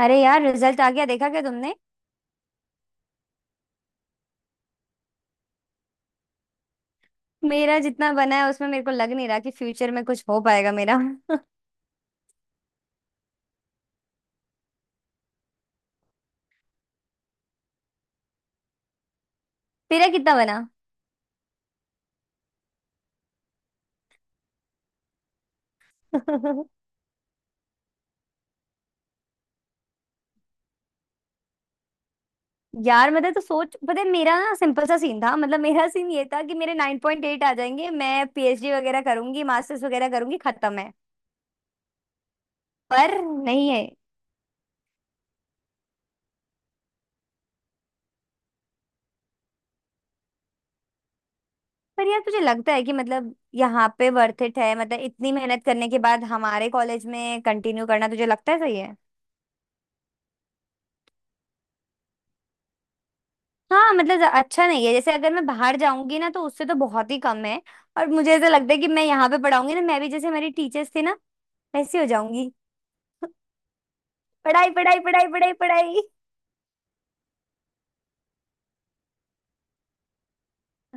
अरे यार रिजल्ट आ गया। देखा क्या तुमने? मेरा जितना बना है उसमें मेरे को लग नहीं रहा कि फ्यूचर में कुछ हो पाएगा मेरा। तेरा कितना बना? यार मतलब तो सोच, पता है मेरा ना, सिंपल सा सीन था। मतलब मेरा सीन ये था कि मेरे 9.8 आ जाएंगे, मैं पीएचडी वगैरह करूंगी, मास्टर्स वगैरह करूंगी, खत्म है। पर नहीं है। पर यार तुझे लगता है कि मतलब यहाँ पे वर्थ इट है? मतलब इतनी मेहनत करने के बाद हमारे कॉलेज में कंटिन्यू करना, तुझे लगता है सही है? हाँ, मतलब अच्छा नहीं है। जैसे अगर मैं बाहर जाऊंगी ना तो उससे तो बहुत ही कम है। और मुझे ऐसा लगता है कि मैं यहाँ पे पढ़ाऊंगी ना, मैं भी जैसे मेरी टीचर्स थी ना वैसी हो जाऊंगी। पढ़ाई पढ़ाई पढ़ाई पढ़ाई पढ़ाई।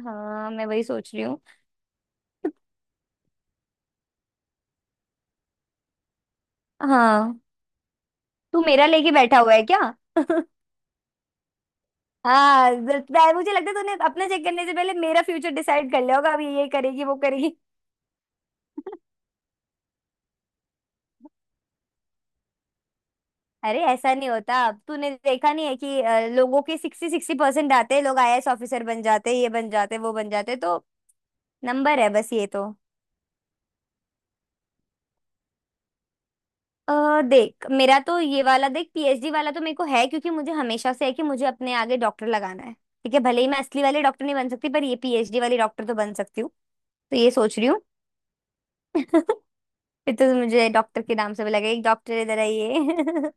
हाँ मैं वही सोच रही हूँ। हाँ तू मेरा लेके बैठा हुआ है क्या? हाँ, मुझे लगता है तूने अपना चेक करने से पहले मेरा फ्यूचर डिसाइड कर लिया होगा अब ये करेगी वो करेगी। अरे ऐसा नहीं होता। अब तूने देखा नहीं है कि लोगों के सिक्सटी सिक्सटी परसेंट आते हैं, लोग आईएएस ऑफिसर बन जाते हैं, ये बन जाते हैं, वो बन जाते हैं। तो नंबर है बस ये तो। अ देख मेरा तो ये वाला देख, पीएचडी वाला तो मेरे को है क्योंकि मुझे हमेशा से है कि मुझे अपने आगे डॉक्टर लगाना है। ठीक है, भले ही मैं असली वाले डॉक्टर नहीं बन सकती, पर ये पीएचडी वाली डॉक्टर तो बन सकती हूँ। तो ये सोच रही हूँ। फिर तो मुझे डॉक्टर के नाम से भी लगे, एक डॉक्टर इधर आइए।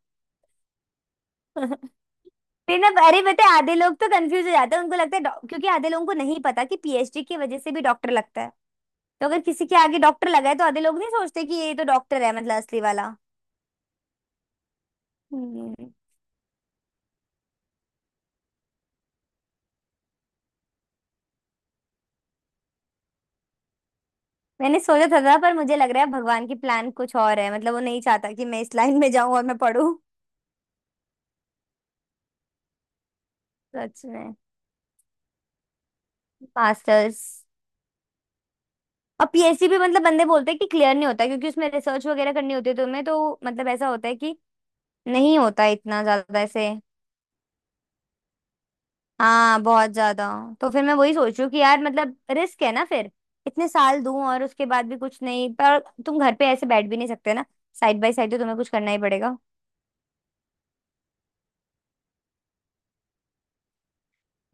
फिर ना, अरे पता है आधे लोग तो कंफ्यूज हो जाते हैं, उनको लगता है क्योंकि आधे लोगों को नहीं पता कि पीएचडी की वजह से भी डॉक्टर लगता है। तो अगर किसी के आगे डॉक्टर लगा है तो आधे लोग नहीं सोचते कि ये तो डॉक्टर है, मतलब असली वाला। हम्म। मैंने सोचा था पर मुझे लग रहा है भगवान की प्लान कुछ और है। मतलब वो नहीं चाहता कि मैं इस लाइन में जाऊं और मैं पढूं। सच में? मास्टर्स और पीएससी भी, मतलब बंदे बोलते हैं कि क्लियर नहीं होता, क्योंकि उसमें रिसर्च वगैरह करनी होती है तुम्हें तो, मतलब ऐसा होता है कि नहीं होता इतना ज्यादा ऐसे। हाँ बहुत ज्यादा। तो फिर मैं वही सोच रही हूँ कि यार मतलब रिस्क है ना फिर, इतने साल दूं और उसके बाद भी कुछ नहीं पर। तुम घर पे ऐसे बैठ भी नहीं सकते ना। साइड बाय साइड तो तुम्हें कुछ करना ही पड़ेगा।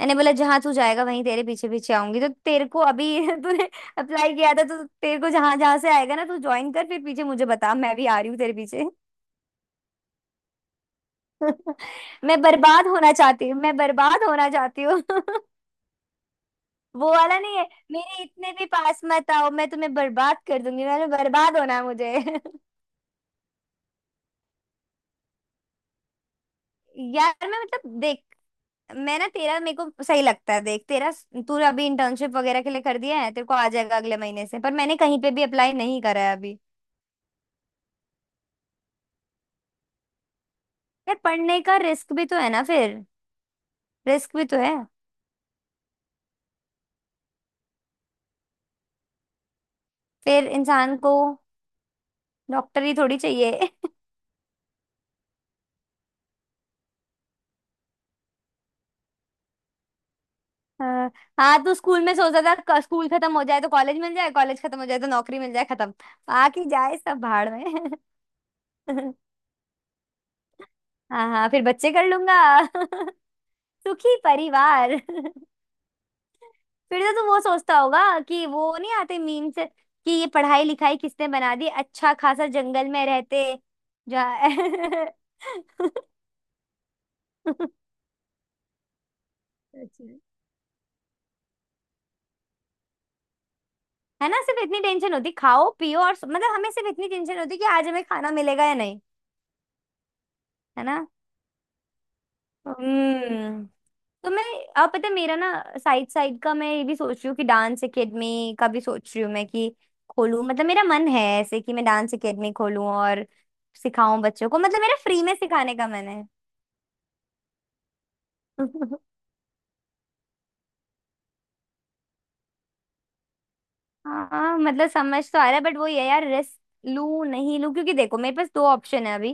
मैंने बोला जहां तू जाएगा वहीं तेरे पीछे पीछे आऊंगी। तो तेरे को अभी तूने अप्लाई किया था तो तेरे को जहां जहां से आएगा ना तू ज्वाइन कर, फिर पीछे मुझे बता मैं भी आ रही हूँ तेरे पीछे। मैं बर्बाद होना चाहती हूँ, मैं बर्बाद होना चाहती हूँ। वो वाला नहीं है। मेरे इतने भी पास मत आओ, मैं तुम्हें बर्बाद कर दूंगी, मैंने बर्बाद होना है मुझे। यार मैं मतलब देख, मैं ना तेरा मेरे को सही लगता है देख तेरा। तूने अभी इंटर्नशिप वगैरह के लिए कर दिया है, तेरे को आ जाएगा अगले महीने से, पर मैंने कहीं पे भी अप्लाई नहीं करा है अभी। यार पढ़ने का रिस्क भी तो है ना फिर। रिस्क भी तो है। फिर इंसान को डॉक्टरी थोड़ी चाहिए। हाँ, हाँ, तू स्कूल में सोचता था स्कूल खत्म हो जाए तो कॉलेज मिल जाए, कॉलेज खत्म हो जाए तो नौकरी मिल जाए, खत्म। आके जाए सब भाड़ में। हाँ हाँ फिर बच्चे कर लूंगा। सुखी परिवार। फिर तो तू वो सोचता होगा कि वो नहीं आते मीम से कि ये पढ़ाई लिखाई किसने बना दी, अच्छा खासा जंगल में रहते जा। अच्छा। है ना, सिर्फ इतनी टेंशन होती, खाओ पियो, और मतलब हमें सिर्फ इतनी टेंशन होती कि आज हमें खाना मिलेगा या नहीं। है ना। हम्म। तो मैं अब पता है मेरा ना, साइड साइड का मैं ये भी सोच रही हूँ कि डांस एकेडमी का भी सोच रही हूँ मैं, कि खोलूँ। मतलब मेरा मन है ऐसे कि मैं डांस एकेडमी खोलूँ और सिखाऊं बच्चों को। मतलब मेरा फ्री में सिखाने का मन है। हाँ मतलब समझ तो आ रहा है बट वो ये यार रिस्क लूं नहीं लूं क्योंकि देखो मेरे पास दो ऑप्शन है अभी।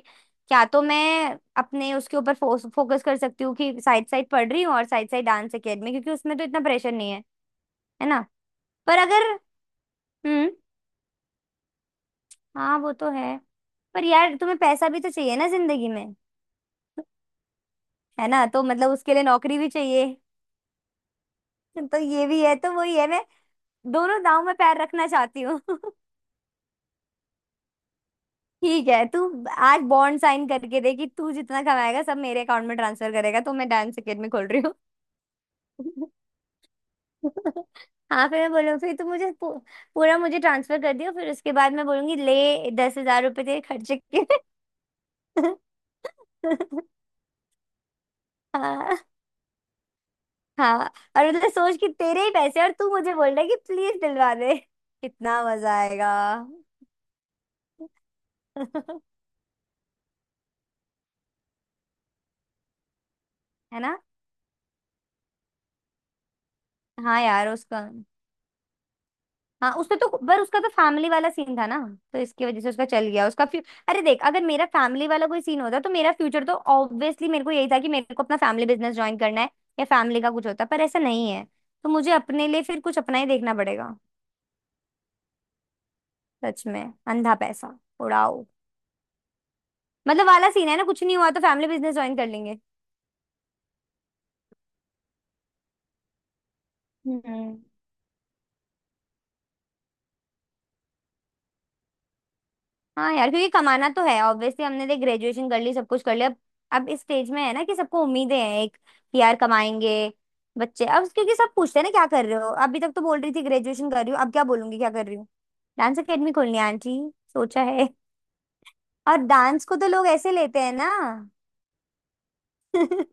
क्या, तो मैं अपने उसके ऊपर फोकस कर सकती हूँ कि साइड साइड पढ़ रही हूँ और साइड साइड डांस एकेडमी, क्योंकि उसमें तो इतना प्रेशर नहीं है। है ना? पर अगर, हम्म, हाँ वो तो है। पर यार तुम्हें पैसा भी तो चाहिए ना जिंदगी में। है ना? तो मतलब उसके लिए नौकरी भी चाहिए। तो ये भी है तो वही है, मैं दोनों दांव में पैर रखना चाहती हूँ। ठीक है, तू आज बॉन्ड साइन करके दे कि तू जितना कमाएगा सब मेरे अकाउंट में ट्रांसफर करेगा तो मैं डांस अकेडमी खोल रही हूँ। हाँ फिर मैं बोलूँ, फिर तू मुझे पूरा मुझे ट्रांसफर कर दियो, फिर उसके बाद मैं बोलूंगी ले 10,000 रुपये तेरे खर्चे के। हाँ, हाँ, और मतलब सोच कि तेरे ही पैसे और तू मुझे बोल रहा है कि प्लीज दिलवा दे। कितना मजा आएगा। है ना। हाँ यार उसका, हाँ उसने तो, पर उसका तो फैमिली वाला सीन था ना, तो इसकी वजह से उसका चल गया। उसका अरे देख, अगर मेरा फैमिली वाला कोई सीन होता तो मेरा फ्यूचर तो ऑब्वियसली मेरे को यही था कि मेरे को अपना फैमिली बिजनेस ज्वाइन करना है, या फैमिली का कुछ होता, पर ऐसा नहीं है। तो मुझे अपने लिए फिर कुछ अपना ही देखना पड़ेगा। सच में, अंधा पैसा उड़ाओ। मतलब वाला सीन है ना, कुछ नहीं हुआ तो फैमिली बिजनेस ज्वाइन कर लेंगे। हम्म। हाँ यार, क्योंकि कमाना तो है ऑब्वियसली। हमने देख ग्रेजुएशन कर ली, सब कुछ कर लिया। अब इस स्टेज में है ना कि सबको उम्मीदें हैं एक कि यार कमाएंगे बच्चे अब, क्योंकि सब पूछते हैं ना क्या कर रहे हो, अभी तक तो बोल रही थी ग्रेजुएशन कर रही हूँ, अब क्या बोलूंगी क्या कर रही हूँ, डांस एकेडमी खोलनी है आंटी। सोचा है। और डांस को तो लोग ऐसे लेते हैं ना।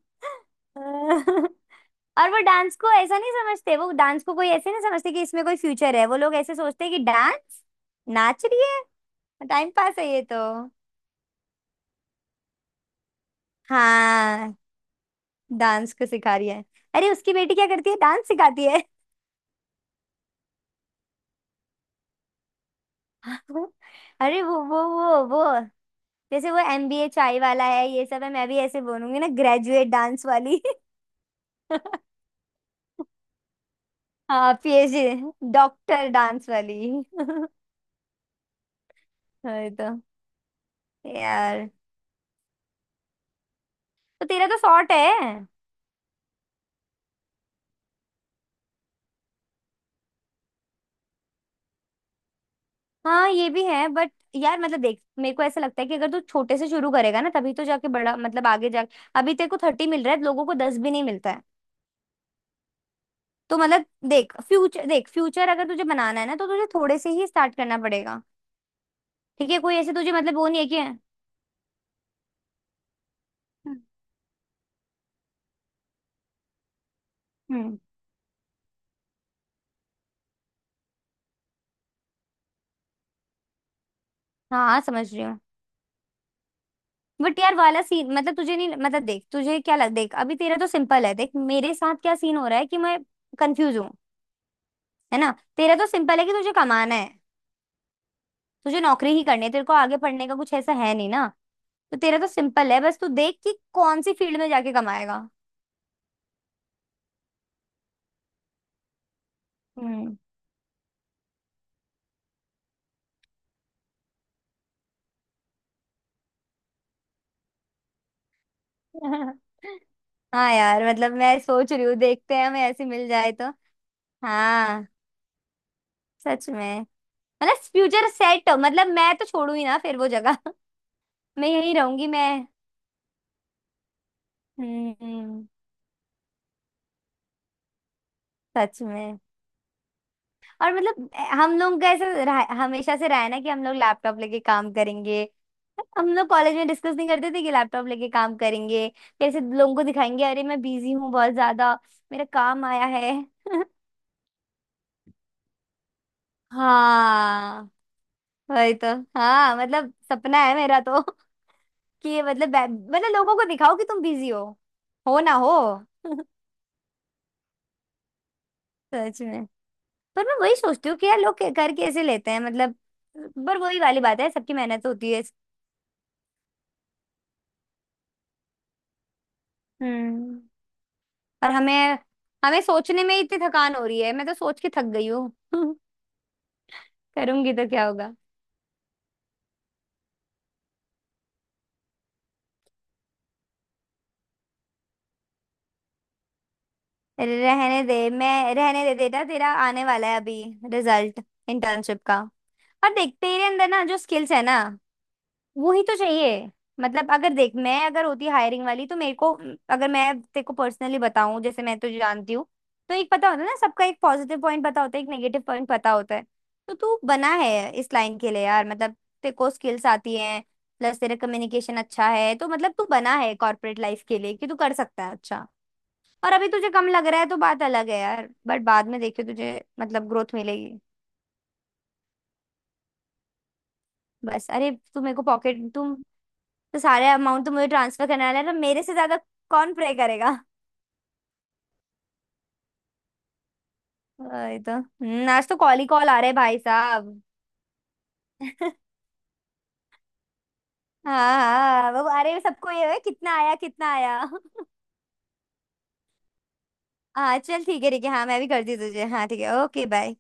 और वो डांस को ऐसा नहीं समझते, वो डांस को कोई ऐसे नहीं समझते कि इसमें कोई फ्यूचर है। वो लोग ऐसे सोचते हैं कि डांस नाच रही है, टाइम पास है ये तो। हाँ, डांस को सिखा रही है। अरे उसकी बेटी क्या करती है? डांस सिखाती है। अरे वो जैसे वो एमबीए चाय वाला है, ये सब है, मैं भी ऐसे बोलूंगी ना, ग्रेजुएट डांस वाली। हाँ पीएचडी डॉक्टर डांस वाली। वही तो। यार तो तेरा तो शॉर्ट है। हाँ ये भी है बट यार मतलब देख, मेरे को ऐसा लगता है कि अगर तू छोटे से शुरू करेगा ना तभी तो जाके बड़ा, मतलब आगे जाके, अभी तेरे को 30 मिल रहा है, लोगों को 10 भी नहीं मिलता। तो मतलब देख फ्यूचर, देख फ्यूचर अगर तुझे बनाना है ना तो तुझे थोड़े से ही स्टार्ट करना पड़ेगा। ठीक है कोई ऐसे तुझे मतलब वो नहीं है कि, हम्म। हम्म। हाँ, हाँ, समझ रही हूँ। बट यार वाला सीन, मतलब तुझे नहीं मतलब देख तुझे क्या लग, देख अभी तेरा तो सिंपल है, देख मेरे साथ क्या सीन हो रहा है कि मैं कंफ्यूज हूँ। है ना। तेरा तो सिंपल है कि तुझे कमाना है। तुझे नौकरी ही करनी है, तेरे को आगे पढ़ने का कुछ ऐसा है नहीं ना। तो तेरा तो सिंपल है, बस तू देख कि कौन सी फील्ड में जाके कमाएगा। हम्म। हाँ यार मतलब मैं सोच रही हूँ, देखते हैं हमें ऐसी मिल जाए तो। हाँ, सच में, मतलब फ्यूचर सेट। मतलब मैं तो छोड़ू ही ना फिर वो जगह। मैं यही रहूंगी मैं। हम्म। सच में, और मतलब हम लोग का ऐसा हमेशा से रहा है ना कि हम लोग लैपटॉप लेके काम करेंगे। हम लोग कॉलेज में डिस्कस नहीं करते थे कि लैपटॉप लेके काम करेंगे, कैसे लोगों को दिखाएंगे अरे मैं बिजी हूँ बहुत ज्यादा, मेरा काम आया है। हाँ वही तो। हाँ मतलब सपना है मेरा तो। कि ये मतलब मतलब लोगों को दिखाओ कि तुम बिजी हो ना हो। सच में। पर मैं वही सोचती हूँ कि यार लोग कर कैसे लेते हैं मतलब। पर वही वाली बात है, सबकी मेहनत होती है। हम्म। और हमें, हमें सोचने में ही इतनी थकान हो रही है, मैं तो सोच के थक गई हूँ। करूंगी तो क्या होगा? रहने दे मैं, रहने दे बेटा, तेरा आने वाला है अभी रिजल्ट इंटर्नशिप का। और देखते ही अंदर ना जो स्किल्स है ना, वो ही तो चाहिए। मतलब अगर देख, मैं अगर होती हायरिंग वाली तो मेरे को, अगर मैं तेरे को पर्सनली बताऊं जैसे मैं तो जानती हूँ, तो एक पता होता है ना सबका, एक पॉजिटिव पॉइंट पता होता है, एक नेगेटिव पॉइंट पता होता है। तो तू बना है इस लाइन के लिए यार, मतलब तेरे को स्किल्स आती हैं, प्लस तेरा कम्युनिकेशन अच्छा है, तो मतलब तू बना है कॉर्पोरेट लाइफ के लिए कि तू कर सकता है अच्छा। और अभी तुझे कम लग रहा है तो बात अलग है यार बट बाद में देखियो तुझे मतलब ग्रोथ मिलेगी। बस अरे तू मेरे को पॉकेट, तुम तो सारे अमाउंट तो मुझे ट्रांसफर करने वाला है तो मेरे से ज्यादा कौन प्रे करेगा? वही तो। हम्म। आज तो कॉल ही कॉल आ रहे हैं भाई साहब। हाँ हाँ, वो, अरे सबको ये है कितना आया कितना आया। हाँ चल, ठीक है, ठीक है, हाँ मैं भी करती हूँ तुझे, हाँ ठीक है, ओके बाय।